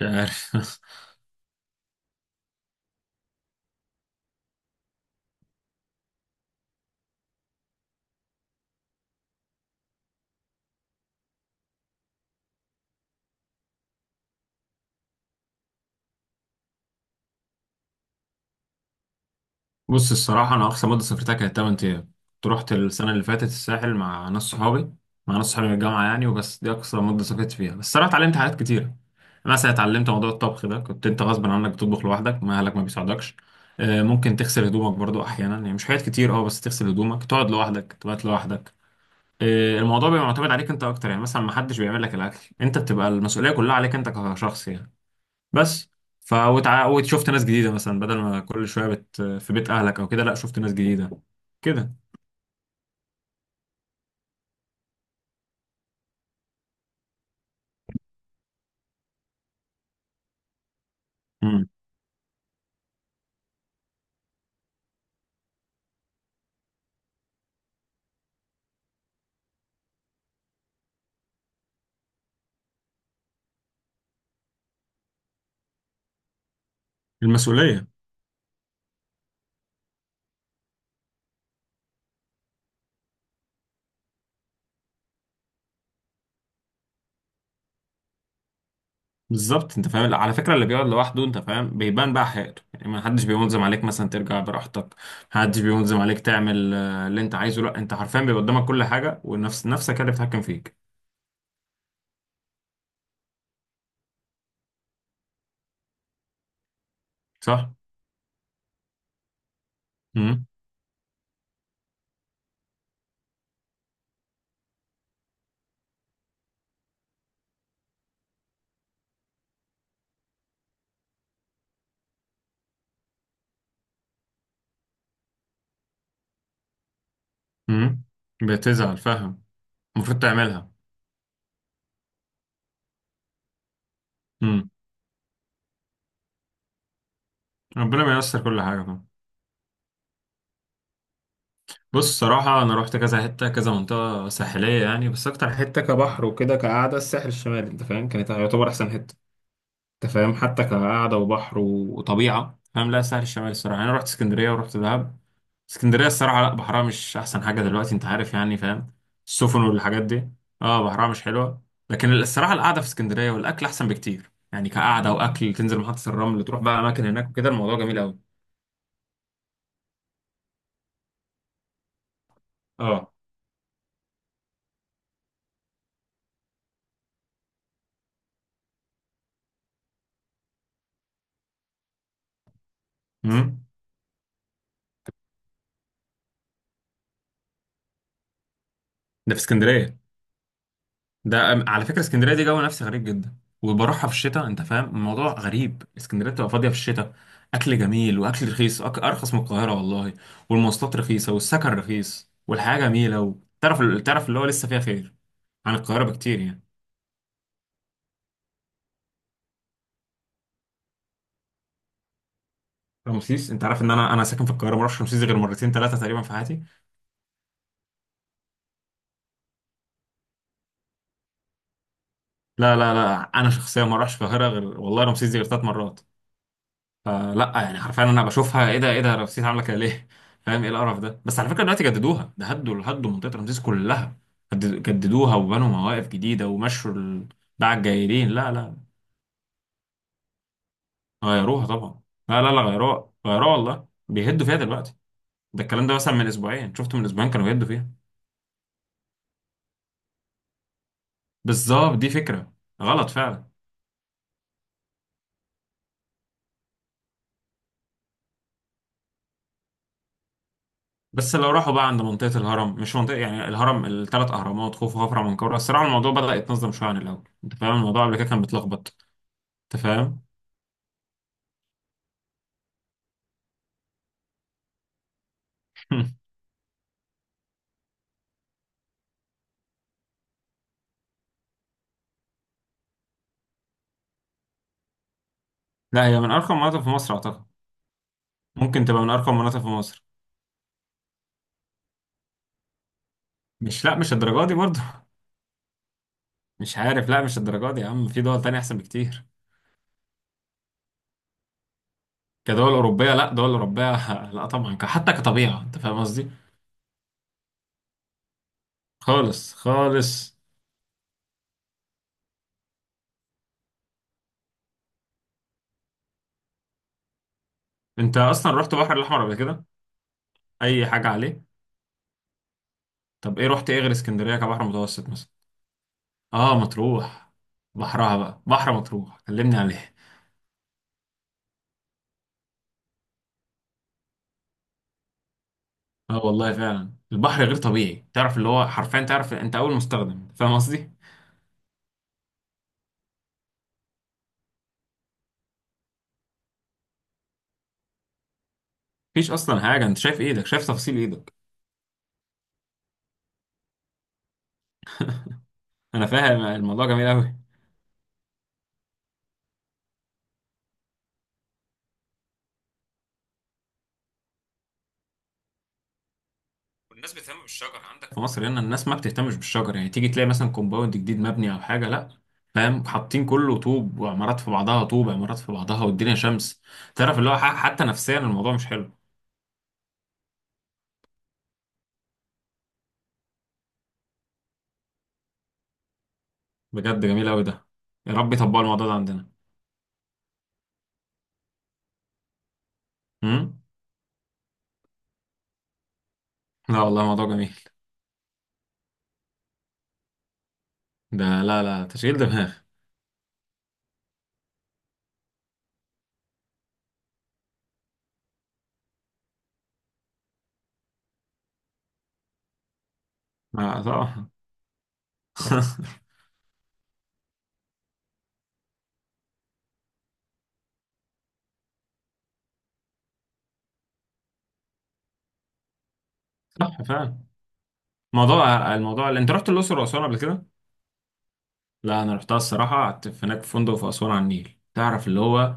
مش عارف. بص، الصراحة أنا أقصى مدة سافرتها كانت 8 أيام، كنت رحت السنة اللي فاتت الساحل مع ناس صحابي من الجامعة يعني، وبس. دي أقصى مدة سافرت فيها، بس الصراحة اتعلمت حاجات كتيرة. مثلا اتعلمت موضوع الطبخ ده، كنت أنت غصب عنك بتطبخ لوحدك، ما أهلك ما بيساعدوكش. آه، ممكن تغسل هدومك برضو أحيانا، يعني مش حاجات كتير، أه بس تغسل هدومك، تقعد لوحدك، تبات لوحدك. آه، الموضوع بيبقى معتمد عليك أنت أكتر، يعني مثلا ما حدش بيعمل لك الأكل، أنت بتبقى المسؤولية كلها عليك أنت كشخص يعني. بس. ف وشفت ناس جديده، مثلا بدل ما كل شويه في بيت اهلك او كده، لا شفت ناس جديده كده. امم. المسؤوليه. بالظبط، انت فاهم؟ على فكره اللي بيقعد لوحده، انت فاهم، بيبان بقى حياته، يعني ما حدش بينظم عليك مثلا ترجع براحتك، ما حدش بينظم عليك تعمل آه، اللي انت عايزه، لا انت حرفيا بيبقى قدامك كل حاجه، ونفس نفسك هي اللي بتتحكم فيك. صح. امم. امم. بتزعل فاهم. المفروض تعملها. امم. ربنا بييسر كل حاجه. بص، صراحة أنا روحت كذا حتة كذا منطقة ساحلية يعني، بس أكتر حتة كبحر وكده، كقعدة الساحل الشمالي أنت فاهم، كانت يعتبر أحسن حتة. أنت فاهم حتى كقعدة وبحر وطبيعة، فاهم، لا الساحل الشمالي. الصراحة أنا روحت اسكندرية ورحت دهب. اسكندرية الصراحة لا بحرها مش أحسن حاجة دلوقتي، أنت عارف يعني، فاهم، السفن والحاجات دي. أه بحرها مش حلوة. لكن الصراحة القعدة في اسكندرية والأكل أحسن بكتير، يعني كقعدة وأكل، تنزل محطة الرمل تروح بقى أماكن هناك وكده، الموضوع جميل أوي. أه. أمم. ده في اسكندرية. ده على فكره اسكندريه دي جو نفسي غريب جدا، وبروحها في الشتاء انت فاهم الموضوع غريب، اسكندريه بتبقى فاضيه في الشتاء. اكل جميل، واكل رخيص، ارخص من القاهره والله. والمواصلات رخيصه، والسكن رخيص، والحياه جميله، وتعرف تعرف اللي هو لسه فيها خير عن القاهره بكتير يعني. رمسيس، انت عارف ان انا ساكن في القاهره، ما رحتش رمسيس غير مرتين ثلاثه تقريبا في حياتي. لا لا لا، انا شخصيا ما رحتش القاهره غير والله، رمسيس دي غير 3 مرات. فلا يعني حرفيا انا بشوفها، ايه ده؟ ايه ده؟ رمسيس عامله كده ليه؟ فاهم ايه القرف ده؟ بس على فكره دلوقتي جددوها، ده هدوا هدوا منطقه رمسيس كلها. جددوها، وبنوا مواقف جديده، ومشوا الباعة الجايلين، لا لا. غيروها طبعا. لا لا لا، غيروها غيروها والله، بيهدوا فيها دلوقتي. ده الكلام ده مثلا من اسبوعين، شفت من اسبوعين كانوا بيهدوا فيها. بالظبط، دي فكره غلط فعلا. بس لو راحوا بقى عند منطقه الهرم، مش منطقه يعني، الهرم الثلاث اهرامات خوف وخفرع ومنكوره، الصراحه الموضوع بدأ يتنظم شويه عن الاول، انت فاهم الموضوع قبل كده كان متلخبط. انت فاهم. لا، هي من ارقى مناطق في مصر اعتقد. ممكن تبقى من ارقى مناطق في مصر. مش، لا مش الدرجه دي برضه. مش عارف، لا مش الدرجه دي يا عم، في دول تانية احسن بكتير. كدول اوروبيه، لا دول اوروبيه. لا طبعا، حتى كطبيعه، انت فاهم قصدي. خالص خالص. انت اصلا رحت البحر الاحمر قبل كده؟ اي حاجه عليه؟ طب ايه رحت، ايه غير اسكندريه كبحر متوسط مثلا؟ اه مطروح. بحرها بقى، بحر مطروح كلمني عليه. اه والله فعلا البحر غير طبيعي، تعرف اللي هو حرفيا، تعرف انت اول مستخدم، فاهم قصدي. مفيش اصلا حاجه، انت شايف ايدك، شايف تفاصيل ايدك. انا فاهم، الموضوع جميل قوي. والناس بتهتم بالشجر عندك، في مصر هنا الناس ما بتهتمش بالشجر، يعني تيجي تلاقي مثلا كومباوند جديد مبني او حاجه، لا فاهم، حاطين كله طوب وعمارات في بعضها، طوب عمارات في بعضها، والدنيا شمس. تعرف اللي هو حتى نفسيا الموضوع مش حلو. بجد جميل قوي ده. يا رب يطبقوا الموضوع ده عندنا. امم. لا والله موضوع جميل. ده لا لا، تشغيل دماغ. آه، طبعا. صح فعلا. موضوع الموضوع، اللي انت رحت الاقصر واسوان قبل كده. لا انا رحتها الصراحه، قعدت في هناك في فندق في اسوان على النيل، تعرف اللي هو.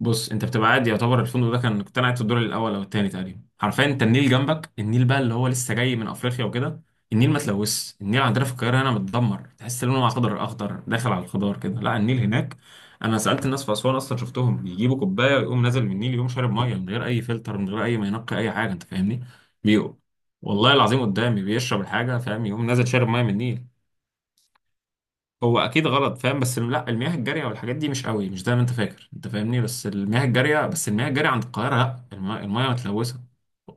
بص، انت بتبقى قاعد، يعتبر الفندق ده كان، كنت انا قاعد في الدور الاول او الثاني تقريبا، حرفيا انت النيل جنبك، النيل بقى اللي هو لسه جاي من افريقيا وكده. النيل ما تلوث، النيل عندنا في القاهره هنا متدمر، تحس لونه اخضر اخضر داخل على الخضار كده، لا النيل هناك. انا سالت الناس في اسوان اصلا، شفتهم بيجيبوا كوبايه ويقوم نازل من النيل، يقوم شارب ميه من غير اي فلتر، من غير اي ما ينقي اي حاجه، انت فاهمني؟ بيقوم، والله العظيم قدامي بيشرب الحاجه فاهم، يقوم نازل شارب ميه من النيل. هو اكيد غلط فاهم، بس لا المياه الجاريه والحاجات دي مش قوي، مش زي ما انت فاكر، انت فاهمني، بس المياه الجاريه، بس المياه الجاريه عند القاهره لا، المياه متلوثه.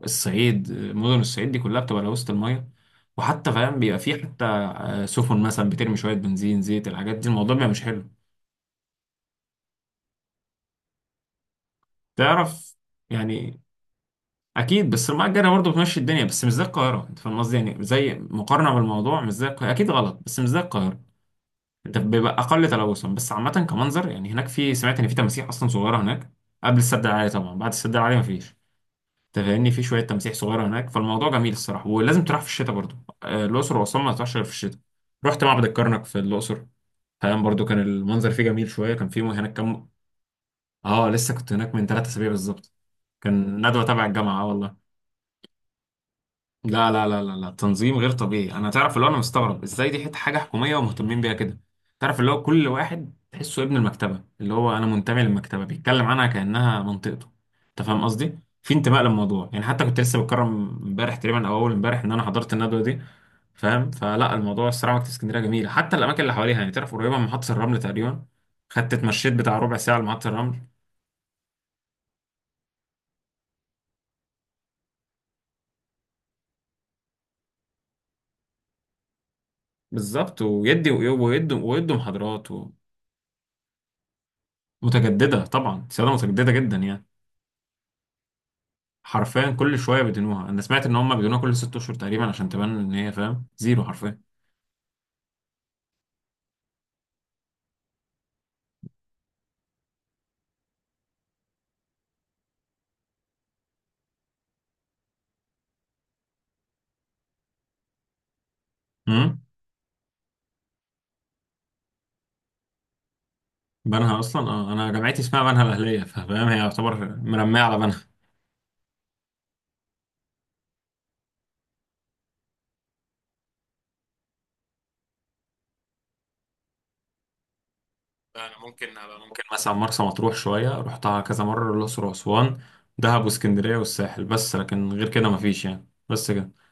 الصعيد، مدن الصعيد دي كلها بتبقى لوثه المياه. وحتى فاهم بيبقى في حتى آه، سفن مثلا بترمي شويه بنزين، زيت، الحاجات دي، الموضوع بيبقى مش حلو. تعرف يعني اكيد، بس المياه الجاريه برضه بتمشي الدنيا، بس مش زي القاهره، انت فاهم قصدي يعني، زي مقارنه بالموضوع، مش زي القاهره اكيد غلط، بس مش زي القاهره. ده بيبقى اقل تلوثا، بس عامه كمنظر يعني هناك في، سمعت ان في تماسيح اصلا صغيره هناك. قبل السد العالي طبعا، بعد السد العالي مفيش. انت فاهمني في شويه تماسيح صغيره هناك، فالموضوع جميل الصراحه، ولازم تروح في الشتاء برضو. آه، الاقصر واسوان ما تروحش غير في الشتاء. رحت معبد الكرنك في الاقصر، فاهم، برضو كان المنظر فيه جميل شويه، كان في هناك كم. اه لسه كنت هناك من 3 اسابيع بالظبط. كان ندوه تبع الجامعه، اه والله. لا لا لا لا لا، تنظيم غير طبيعي، انا تعرف اللي هو انا مستغرب ازاي دي حته حاجه حكوميه ومهتمين بيها كده. تعرف اللي هو كل واحد تحسه ابن المكتبه، اللي هو انا منتمي للمكتبه، بيتكلم عنها كانها منطقته. انت فاهم قصدي؟ في انتماء للموضوع يعني، حتى كنت لسه بتكرم امبارح تقريبا، او اول امبارح، ان انا حضرت الندوه دي. فاهم؟ فلا الموضوع الصراحه، مكتبه اسكندريه جميله، حتى الاماكن اللي حواليها، يعني تعرف قريبه من محطه الرمل تقريبا. خدت اتمشيت بتاع ربع ساعه لمحطه الرمل. بالظبط، ويدي ويدي ويدي محاضرات. ومتجدده طبعا، سياده متجدده جدا يعني. حرفيا كل شويه بيدينوها، انا سمعت ان هم بيدينوها كل 6 اشهر تقريبا، عشان تبان ان هي فاهم زيرو حرفيا. امم. بنها اصلا اه، انا جامعتي اسمها بنها الاهليه، فاهم، هي يعتبر مرميه على بنها. انا ممكن أنا ممكن مثلا مرسى مطروح شويه رحتها كذا مره، الاقصر واسوان، دهب واسكندريه والساحل بس، لكن غير كده مفيش يعني، بس كده.